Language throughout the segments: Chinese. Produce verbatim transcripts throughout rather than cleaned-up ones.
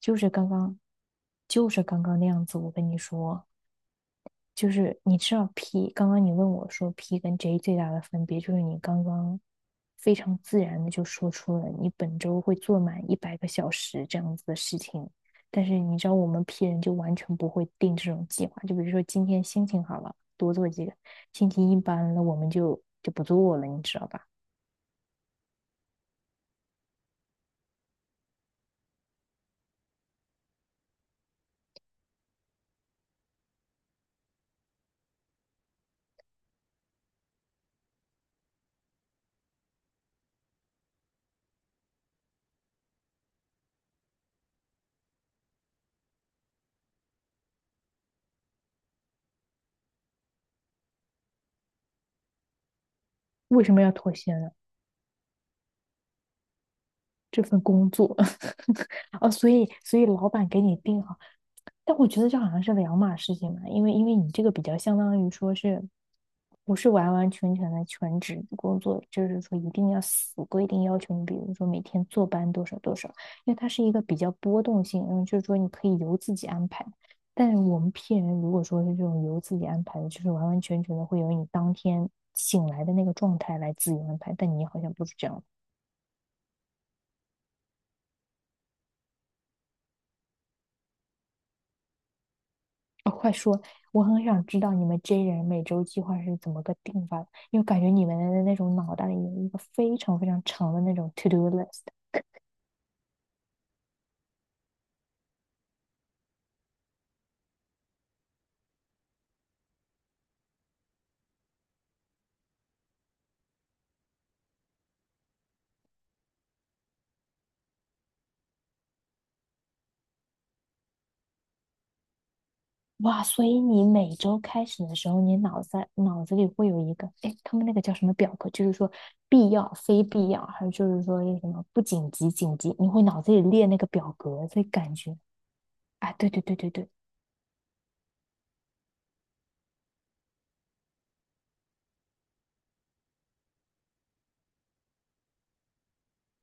就是刚刚，就是刚刚那样子。我跟你说，就是你知道 P，刚刚你问我说 P 跟 J 最大的分别，就是你刚刚非常自然的就说出了你本周会做满一百个小时这样子的事情。但是你知道我们 P 人就完全不会定这种计划，就比如说今天心情好了，多做几个；心情一般了，我们就就不做了，你知道吧？为什么要妥协呢？这份工作 哦，所以所以老板给你定好。但我觉得这好像是两码事情嘛，因为因为你这个比较相当于说是，不是完完全全的全职工作，就是说一定要死规定要求你，比如说每天坐班多少多少，因为它是一个比较波动性，然后就是说你可以由自己安排。但是我们 P 人如果说是这种由自己安排的，就是完完全全的会由你当天醒来的那个状态来自由安排，但你好像不是这样。哦，快说！我很想知道你们 J 人每周计划是怎么个定法的，因为感觉你们的那种脑袋里有一个非常非常长的那种 to do list。哇，所以你每周开始的时候，你脑子脑子里会有一个，哎，他们那个叫什么表格？就是说必要、非必要，还有就是说那什么不紧急、紧急，你会脑子里列那个表格，所以感觉，啊，对对对对对，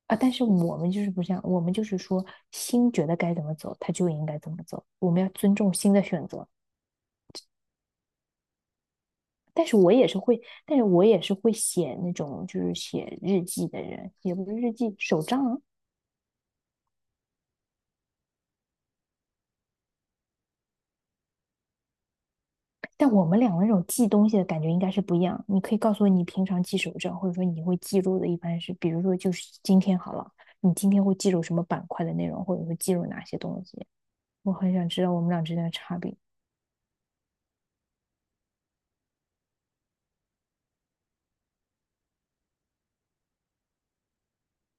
啊，但是我们就是不这样，我们就是说心觉得该怎么走，他就应该怎么走，我们要尊重心的选择。但是我也是会，但是我也是会写那种就是写日记的人，也不是日记，手账啊但我们俩那种记东西的感觉应该是不一样。你可以告诉我你平常记手账，或者说你会记录的一般是，比如说就是今天好了，你今天会记录什么板块的内容，或者说记录哪些东西。我很想知道我们俩之间的差别。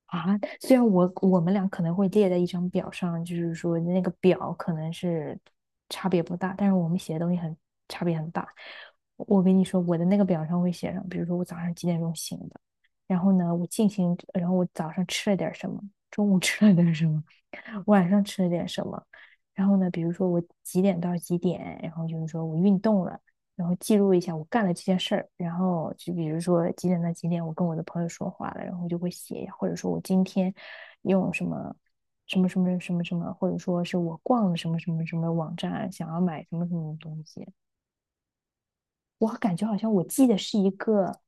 啊，虽然我我们俩可能会列在一张表上，就是说那个表可能是差别不大，但是我们写的东西很差别很大。我跟你说，我的那个表上会写上，比如说我早上几点钟醒的，然后呢，我进行，然后我早上吃了点儿什么，中午吃了点儿什么，晚上吃了点什么。然后呢，比如说我几点到几点，然后就是说我运动了，然后记录一下我干了这件事儿。然后就比如说几点到几点，我跟我的朋友说话了，然后就会写，或者说我今天用什么什么什么什么什么，或者说是我逛了什么什么什么网站，想要买什么什么东西，我感觉好像我记得是一个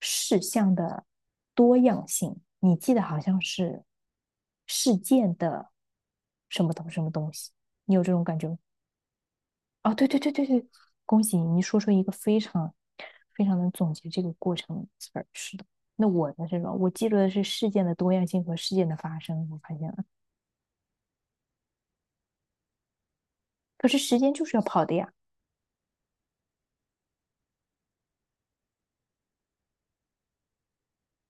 事项的多样性，你记得好像是事件的什么东什么东西，你有这种感觉吗？哦，对对对对对，恭喜你，你说出一个非常非常能总结这个过程的词儿是的，那我的这种，我记录的是事件的多样性和事件的发生，我发现了。可是时间就是要跑的呀。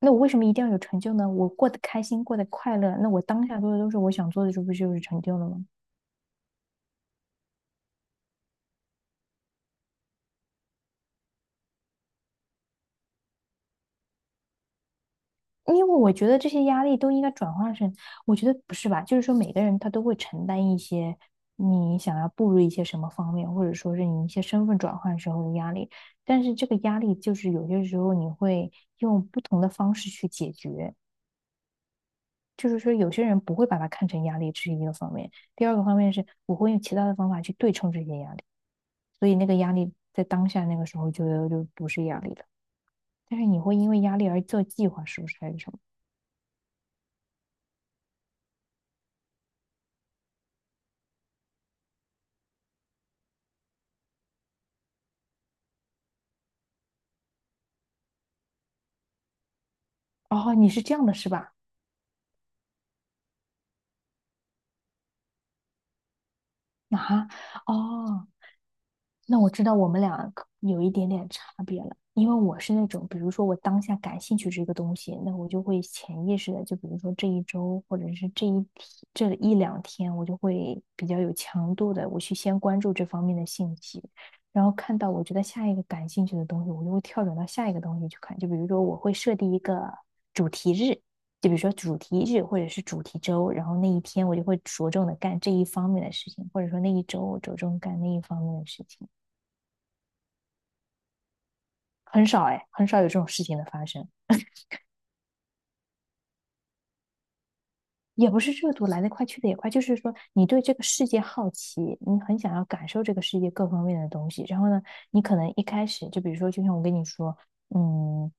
那我为什么一定要有成就呢？我过得开心，过得快乐，那我当下做的都是我想做的，这不就是成就了吗？因为我觉得这些压力都应该转化成，我觉得不是吧？就是说每个人他都会承担一些你想要步入一些什么方面，或者说是你一些身份转换时候的压力。但是这个压力就是有些时候你会用不同的方式去解决，就是说有些人不会把它看成压力，这是一个方面。第二个方面是我会用其他的方法去对冲这些压力，所以那个压力在当下那个时候就就不是压力了。但是你会因为压力而做计划，是不是还是什么？哦，你是这样的，是吧？啊，哦，那我知道我们俩可有一点点差别了，因为我是那种，比如说我当下感兴趣这个东西，那我就会潜意识的，就比如说这一周或者是这一天这一两天，我就会比较有强度的，我去先关注这方面的信息，然后看到我觉得下一个感兴趣的东西，我就会跳转到下一个东西去看。就比如说我会设定一个主题日，就比如说主题日或者是主题周，然后那一天我就会着重的干这一方面的事情，或者说那一周我着重干那一方面的事情。很少哎，很少有这种事情的发生。也不是热度来得快去得也快，就是说你对这个世界好奇，你很想要感受这个世界各方面的东西。然后呢，你可能一开始就比如说，就像我跟你说，嗯，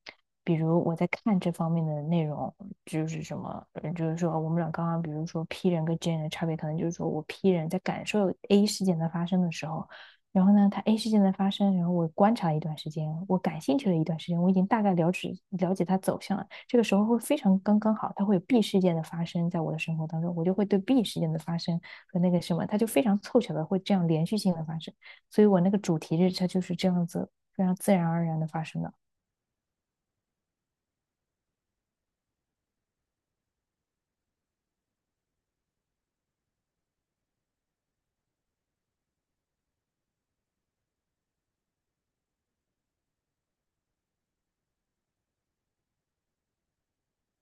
比如我在看这方面的内容，就是什么，呃就是说我们俩刚刚比如说 P 人跟 J 人的差别，可能就是说我 P 人在感受 A 事件的发生的时候，然后呢，它 A 事件的发生，然后我观察了一段时间，我感兴趣了一段时间，我已经大概了解了解它走向了。这个时候会非常刚刚好，它会有 B 事件的发生在我的生活当中，我就会对 B 事件的发生和那个什么，它就非常凑巧的会这样连续性的发生，所以我那个主题日它就是这样子非常自然而然的发生的。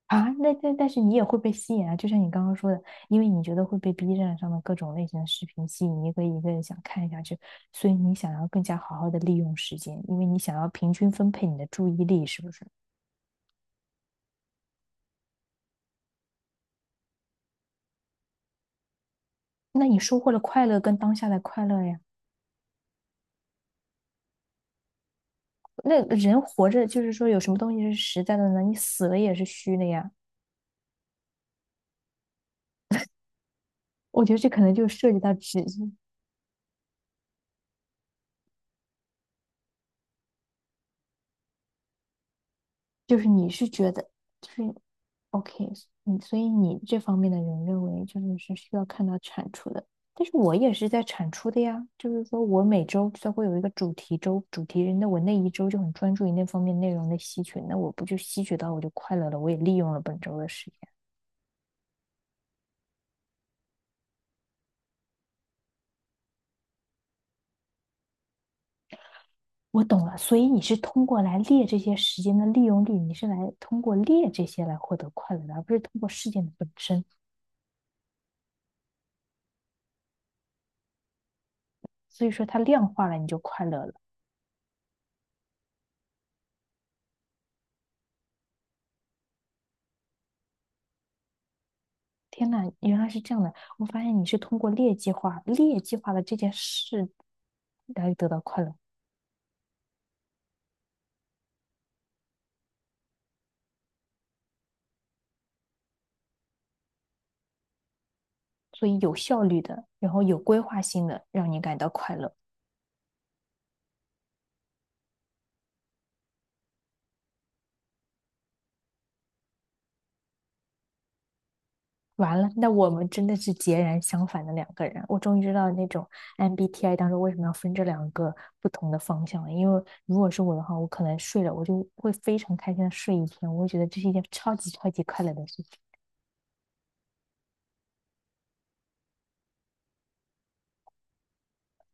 啊，那但但是你也会被吸引啊，就像你刚刚说的，因为你觉得会被 B 站上的各种类型的视频吸引，一个一个想看下去，所以你想要更加好好的利用时间，因为你想要平均分配你的注意力，是不是？那你收获了快乐跟当下的快乐呀。那人活着就是说有什么东西是实在的呢？你死了也是虚的呀。我觉得这可能就涉及到只，就是你是觉得，就是 OK，嗯，所以你这方面的人认为就是是需要看到产出的，但是我也是在产出的呀，就是说我每周都会有一个主题周，主题日，那我那一周就很专注于那方面内容的吸取，那我不就吸取到我就快乐了，我也利用了本周的时间。我懂了，所以你是通过来列这些时间的利用率，你是来通过列这些来获得快乐的，而不是通过事件的本身。所以说它量化了，你就快乐了。天呐，原来是这样的！我发现你是通过劣计划、劣计划的这件事来得到快乐，所以有效率的，然后有规划性的，让你感到快乐。完了，那我们真的是截然相反的两个人。我终于知道那种 M B T I 当中为什么要分这两个不同的方向了。因为如果是我的话，我可能睡了，我就会非常开心的睡一天，我会觉得这是一件超级超级快乐的事情。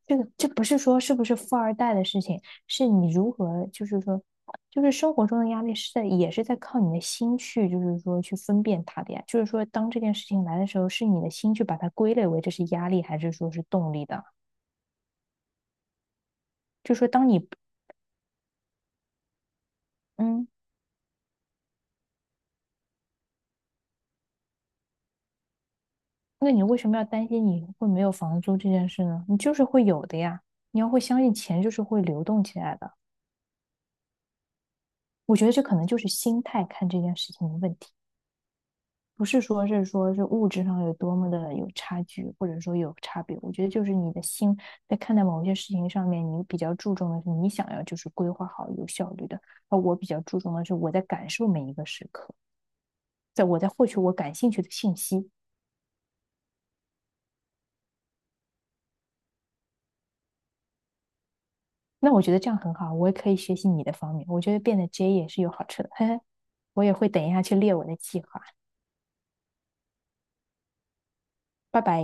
这个这不是说是不是富二代的事情，是你如何，就是说，就是生活中的压力是在，也是在靠你的心去，就是说去分辨它的呀。就是说，当这件事情来的时候，是你的心去把它归类为这是压力，还是说是动力的？就是说，当你，嗯，那你为什么要担心你会没有房租这件事呢？你就是会有的呀，你要会相信钱就是会流动起来的。我觉得这可能就是心态看这件事情的问题。不是说是说是物质上有多么的有差距，或者说有差别。我觉得就是你的心在看待某些事情上面，你比较注重的是你想要就是规划好有效率的，而我比较注重的是我在感受每一个时刻，在我在获取我感兴趣的信息。那我觉得这样很好，我也可以学习你的方面。我觉得变得 J 也是有好处的，嘿嘿，我也会等一下去列我的计划。拜拜。